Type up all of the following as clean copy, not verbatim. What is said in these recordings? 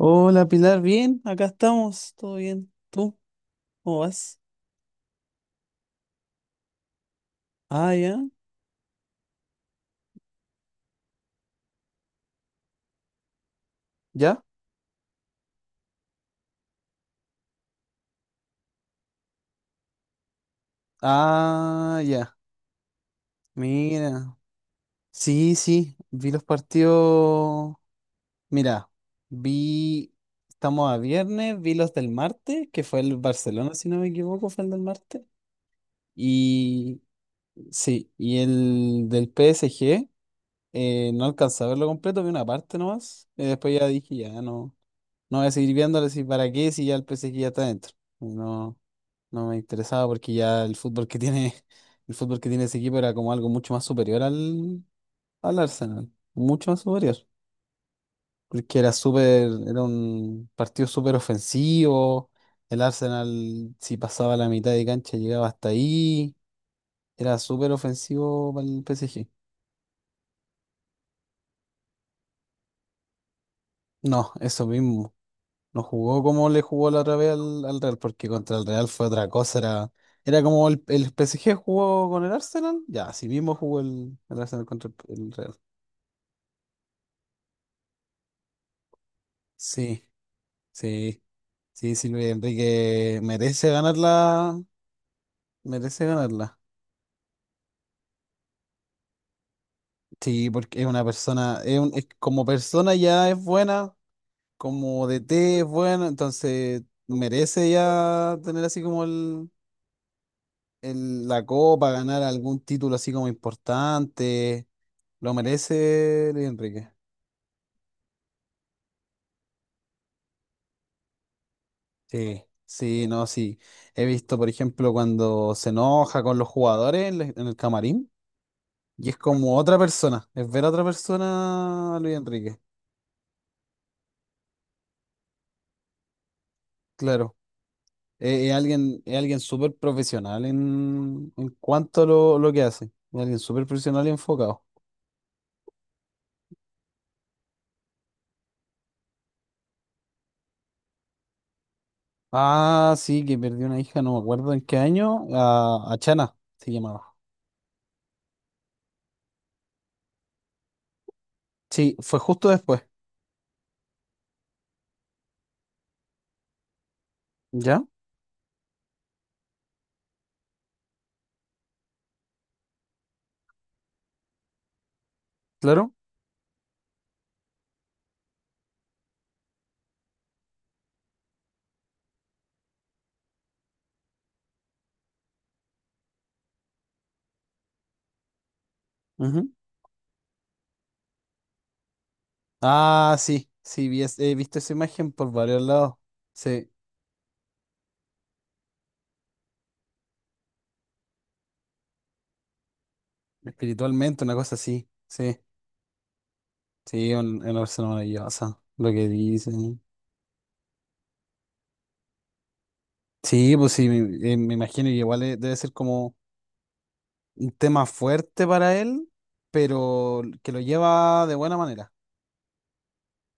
Hola Pilar, bien, acá estamos, todo bien. ¿Tú cómo vas? Ah, ya, ya. Ah, ya. Mira, sí, sí, vi los partidos. Mira, vi, estamos a viernes, vi los del martes, que fue el Barcelona, si no me equivoco, fue el del martes. Y sí, y el del PSG, no alcancé a verlo completo, vi una parte nomás. Y después ya dije, ya no, no voy a seguir viéndolo, si para qué, si ya el PSG ya está dentro. No. No me interesaba porque ya el fútbol que tiene, el fútbol que tiene ese equipo era como algo mucho más superior al, Arsenal, mucho más superior, porque era súper, era un partido súper ofensivo, el Arsenal si pasaba la mitad de cancha llegaba hasta ahí, era súper ofensivo para el PSG. No, eso mismo, no jugó como le jugó la otra vez al, Real, porque contra el Real fue otra cosa, era... Era como el, el, PSG jugó con el Arsenal, ya, así mismo jugó el Arsenal contra el Real. Sí, sí, sí, sí, Luis Enrique merece ganarla, merece ganarla. Sí, porque es una persona, como persona ya es buena, como DT es buena, entonces merece ya tener así como la copa, ganar algún título así como importante. Lo merece Luis Enrique. Sí, sí, no, sí. He visto, por ejemplo, cuando se enoja con los jugadores en el camarín. Y es como otra persona, es ver a otra persona a Luis Enrique, claro. Es alguien súper profesional en cuanto a lo que hace. Es alguien súper profesional y enfocado. Ah, sí, que perdió una hija, no me acuerdo en qué año, a Chana se llamaba. Sí, fue justo después. ¿Ya? Claro. Ujú. Ah, sí, sí, he visto esa imagen por varios lados. Sí, espiritualmente, una cosa así. Sí, sí, una persona maravillosa, lo que dicen. Sí, pues sí, me imagino, y igual debe ser como un tema fuerte para él, pero que lo lleva de buena manera,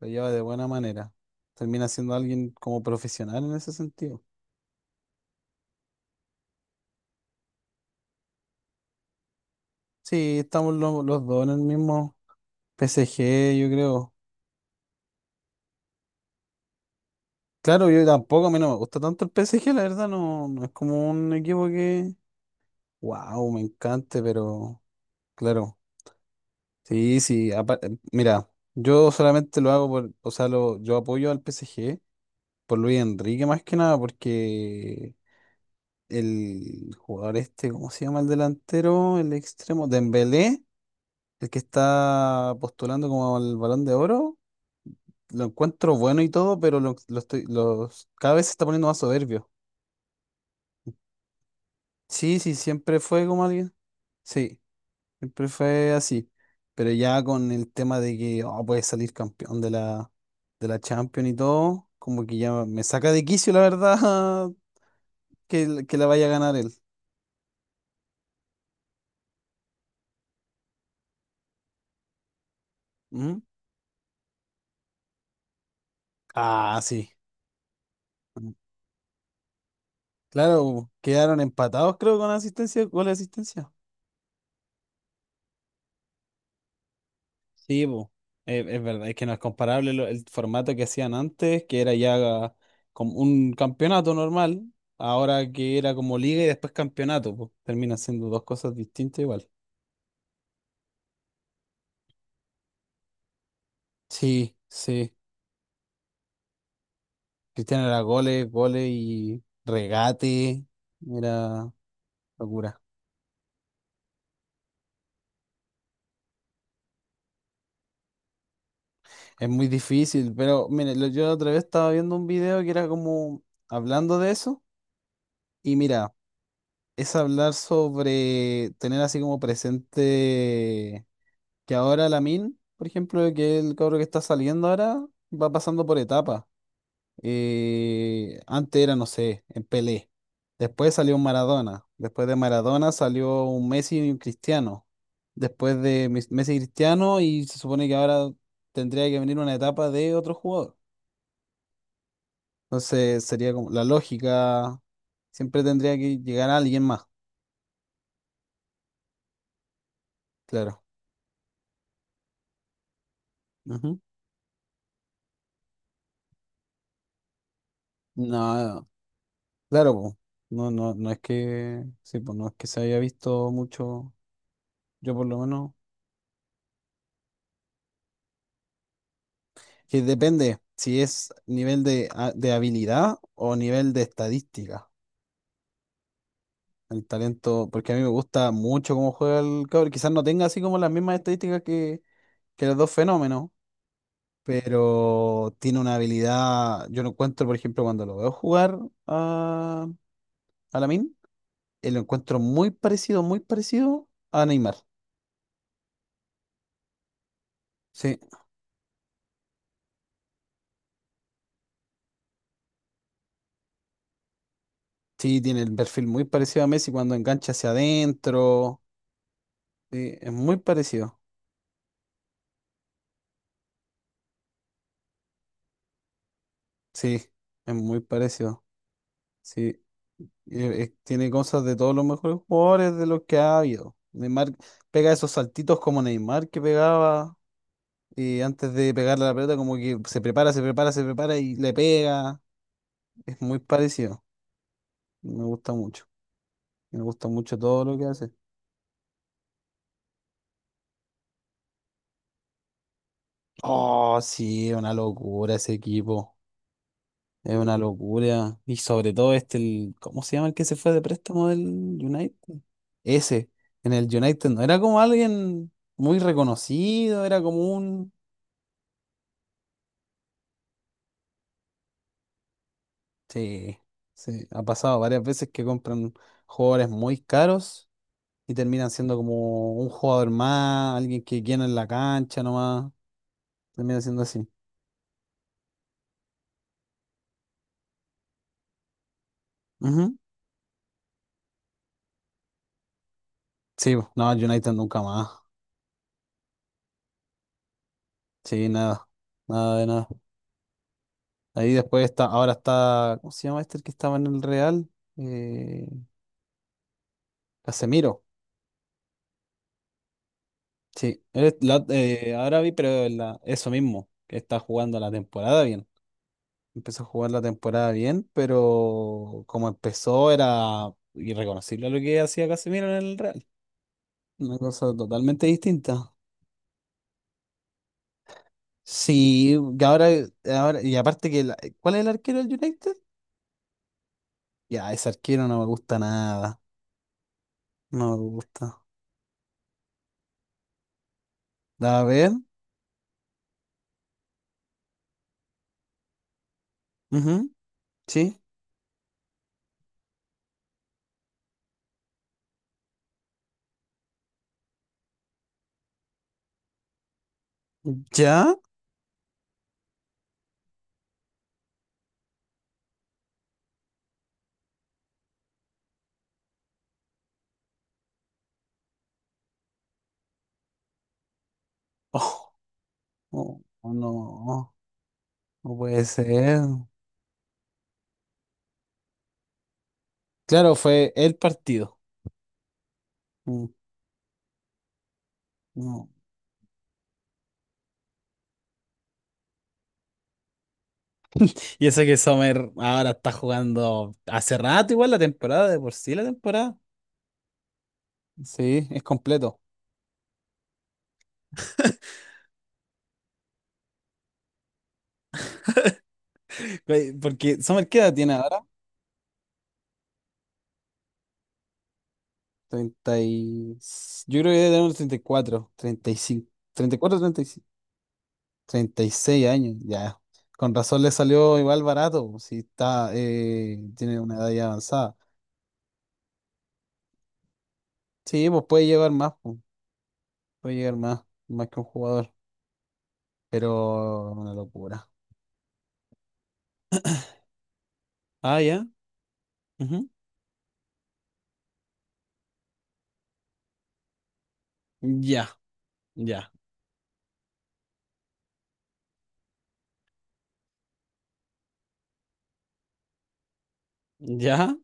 lo lleva de buena manera. Termina siendo alguien como profesional en ese sentido. Sí, estamos los dos en el mismo P S G, yo creo. Claro, yo tampoco, a mí no me gusta tanto el P S G, la verdad, no, no es como un equipo que, wow, me encante, pero claro, sí, sí, mira, yo solamente lo hago por, o sea, yo apoyo al P S G. Por Luis Enrique más que nada, porque el jugador este, ¿cómo se llama el delantero? El extremo, Dembélé, el que está postulando como el Balón de Oro, lo encuentro bueno y todo, pero cada vez se está poniendo más soberbio. Sí, sí, siempre fue como alguien. Sí, siempre fue así. Pero ya con el tema de que oh, puede salir campeón de la Champions y todo, como que ya me saca de quicio, la verdad, que la vaya a ganar él. Ujú. Ah, sí. Claro, quedaron empatados, creo, con asistencia, gol de asistencia. Sí, po. Es verdad, es que no es comparable el formato que hacían antes, que era ya como un campeonato normal, ahora que era como liga y después campeonato, pues termina siendo dos cosas distintas igual. Sí, sí. Cristiano era goles, goles y regate. Era locura. Es muy difícil, pero mire, yo otra vez estaba viendo un video que era como hablando de eso. Y mira, es hablar sobre tener así como presente que ahora Lamin, por ejemplo, que es el cabro que está saliendo ahora, va pasando por etapas. Antes era, no sé, en Pelé. Después salió un Maradona. Después de Maradona salió un Messi y un Cristiano. Después de Messi y Cristiano, y se supone que ahora tendría que venir una etapa de otro jugador. Entonces sería como la lógica, siempre tendría que llegar a alguien más, claro. Ujú. No. Claro, po. No, no, no es que, sí, pues no es que se haya visto mucho, yo por lo menos, que depende si es nivel de, de habilidad o nivel de estadística, el talento, porque a mí me gusta mucho cómo juega el cabrón, quizás no tenga así como las mismas estadísticas que los dos fenómenos, pero tiene una habilidad, yo lo encuentro, por ejemplo, cuando lo veo jugar a, a Lamine, lo encuentro muy parecido a Neymar. Sí, sí, tiene el perfil muy parecido a Messi cuando engancha hacia adentro. Sí, es muy parecido. Sí, es muy parecido. Sí, tiene cosas de todos los mejores jugadores de los que ha habido. Neymar pega esos saltitos como Neymar que pegaba y antes de pegarle a la pelota como que se prepara, se prepara, se prepara y le pega. Es muy parecido. Me gusta mucho. Me gusta mucho todo lo que hace. Oh, sí, una locura ese equipo. Es una locura. Y sobre todo este, el, ¿cómo se llama el que se fue de préstamo del United? Ese. En el United no era como alguien muy reconocido, era como un... Sí, sí. Ha pasado varias veces que compran jugadores muy caros y terminan siendo como un jugador más, alguien que quieren en la cancha nomás. Termina siendo así. Ujú. Sí, no, el United nunca más. Sí, nada. Nada de nada. Ahí después está, ahora está, ¿cómo se llama este el que estaba en el Real? Eh, Casemiro. Sí, él es ahora vi, pero eso mismo, que está jugando la temporada bien. Empezó a jugar la temporada bien, pero como empezó era irreconocible a lo que hacía Casemiro en el Real. Una cosa totalmente distinta. Sí, y ahora, ahora y aparte que, ¿cuál es el arquero del United? Ya, ese arquero no me gusta nada. No me gusta. A ver. Ujú, sí. ¿Ya? Oh, oh, oh, no, no puede ser. Claro, fue el partido. Mm, no. Y eso que Sommer ahora está jugando hace rato igual la temporada, de por sí la temporada. Sí, es completo. Güey, porque Sommer, ¿qué edad tiene ahora? 30 y... Yo creo que debe tener unos 34, 35, treinta y cinco, 34, 35, 36 años, ya. Con razón le salió igual barato, si está, tiene una edad ya avanzada. Sí, pues puede llevar más, pues puede llegar más, más que un jugador, pero es una locura. Ah, ya. Ujú, ya, ya, ya.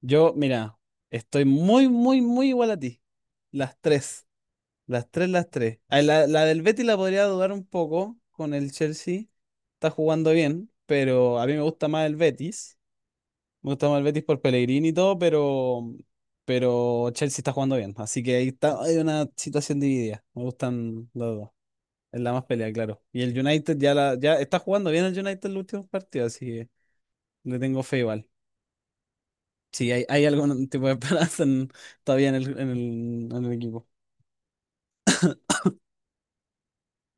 Yo, mira, estoy muy, muy, muy igual a ti. Las tres, las tres, las tres. Ah, la del Betis la podría dudar un poco con el Chelsea. Está jugando bien, pero a mí me gusta más el Betis. Me gusta más el Betis por Pellegrini y todo, pero Chelsea está jugando bien. Así que ahí está, hay una situación dividida. Me gustan los dos. Es la más pelea, claro. Y el United ya ya está jugando bien el United en los últimos partidos, así que le tengo fe igual. Sí, hay algún tipo de esperanza todavía en el equipo.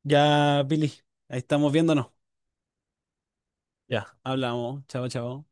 Ya, Billy, ahí estamos viéndonos. Ya, hablamos. Chao, chao.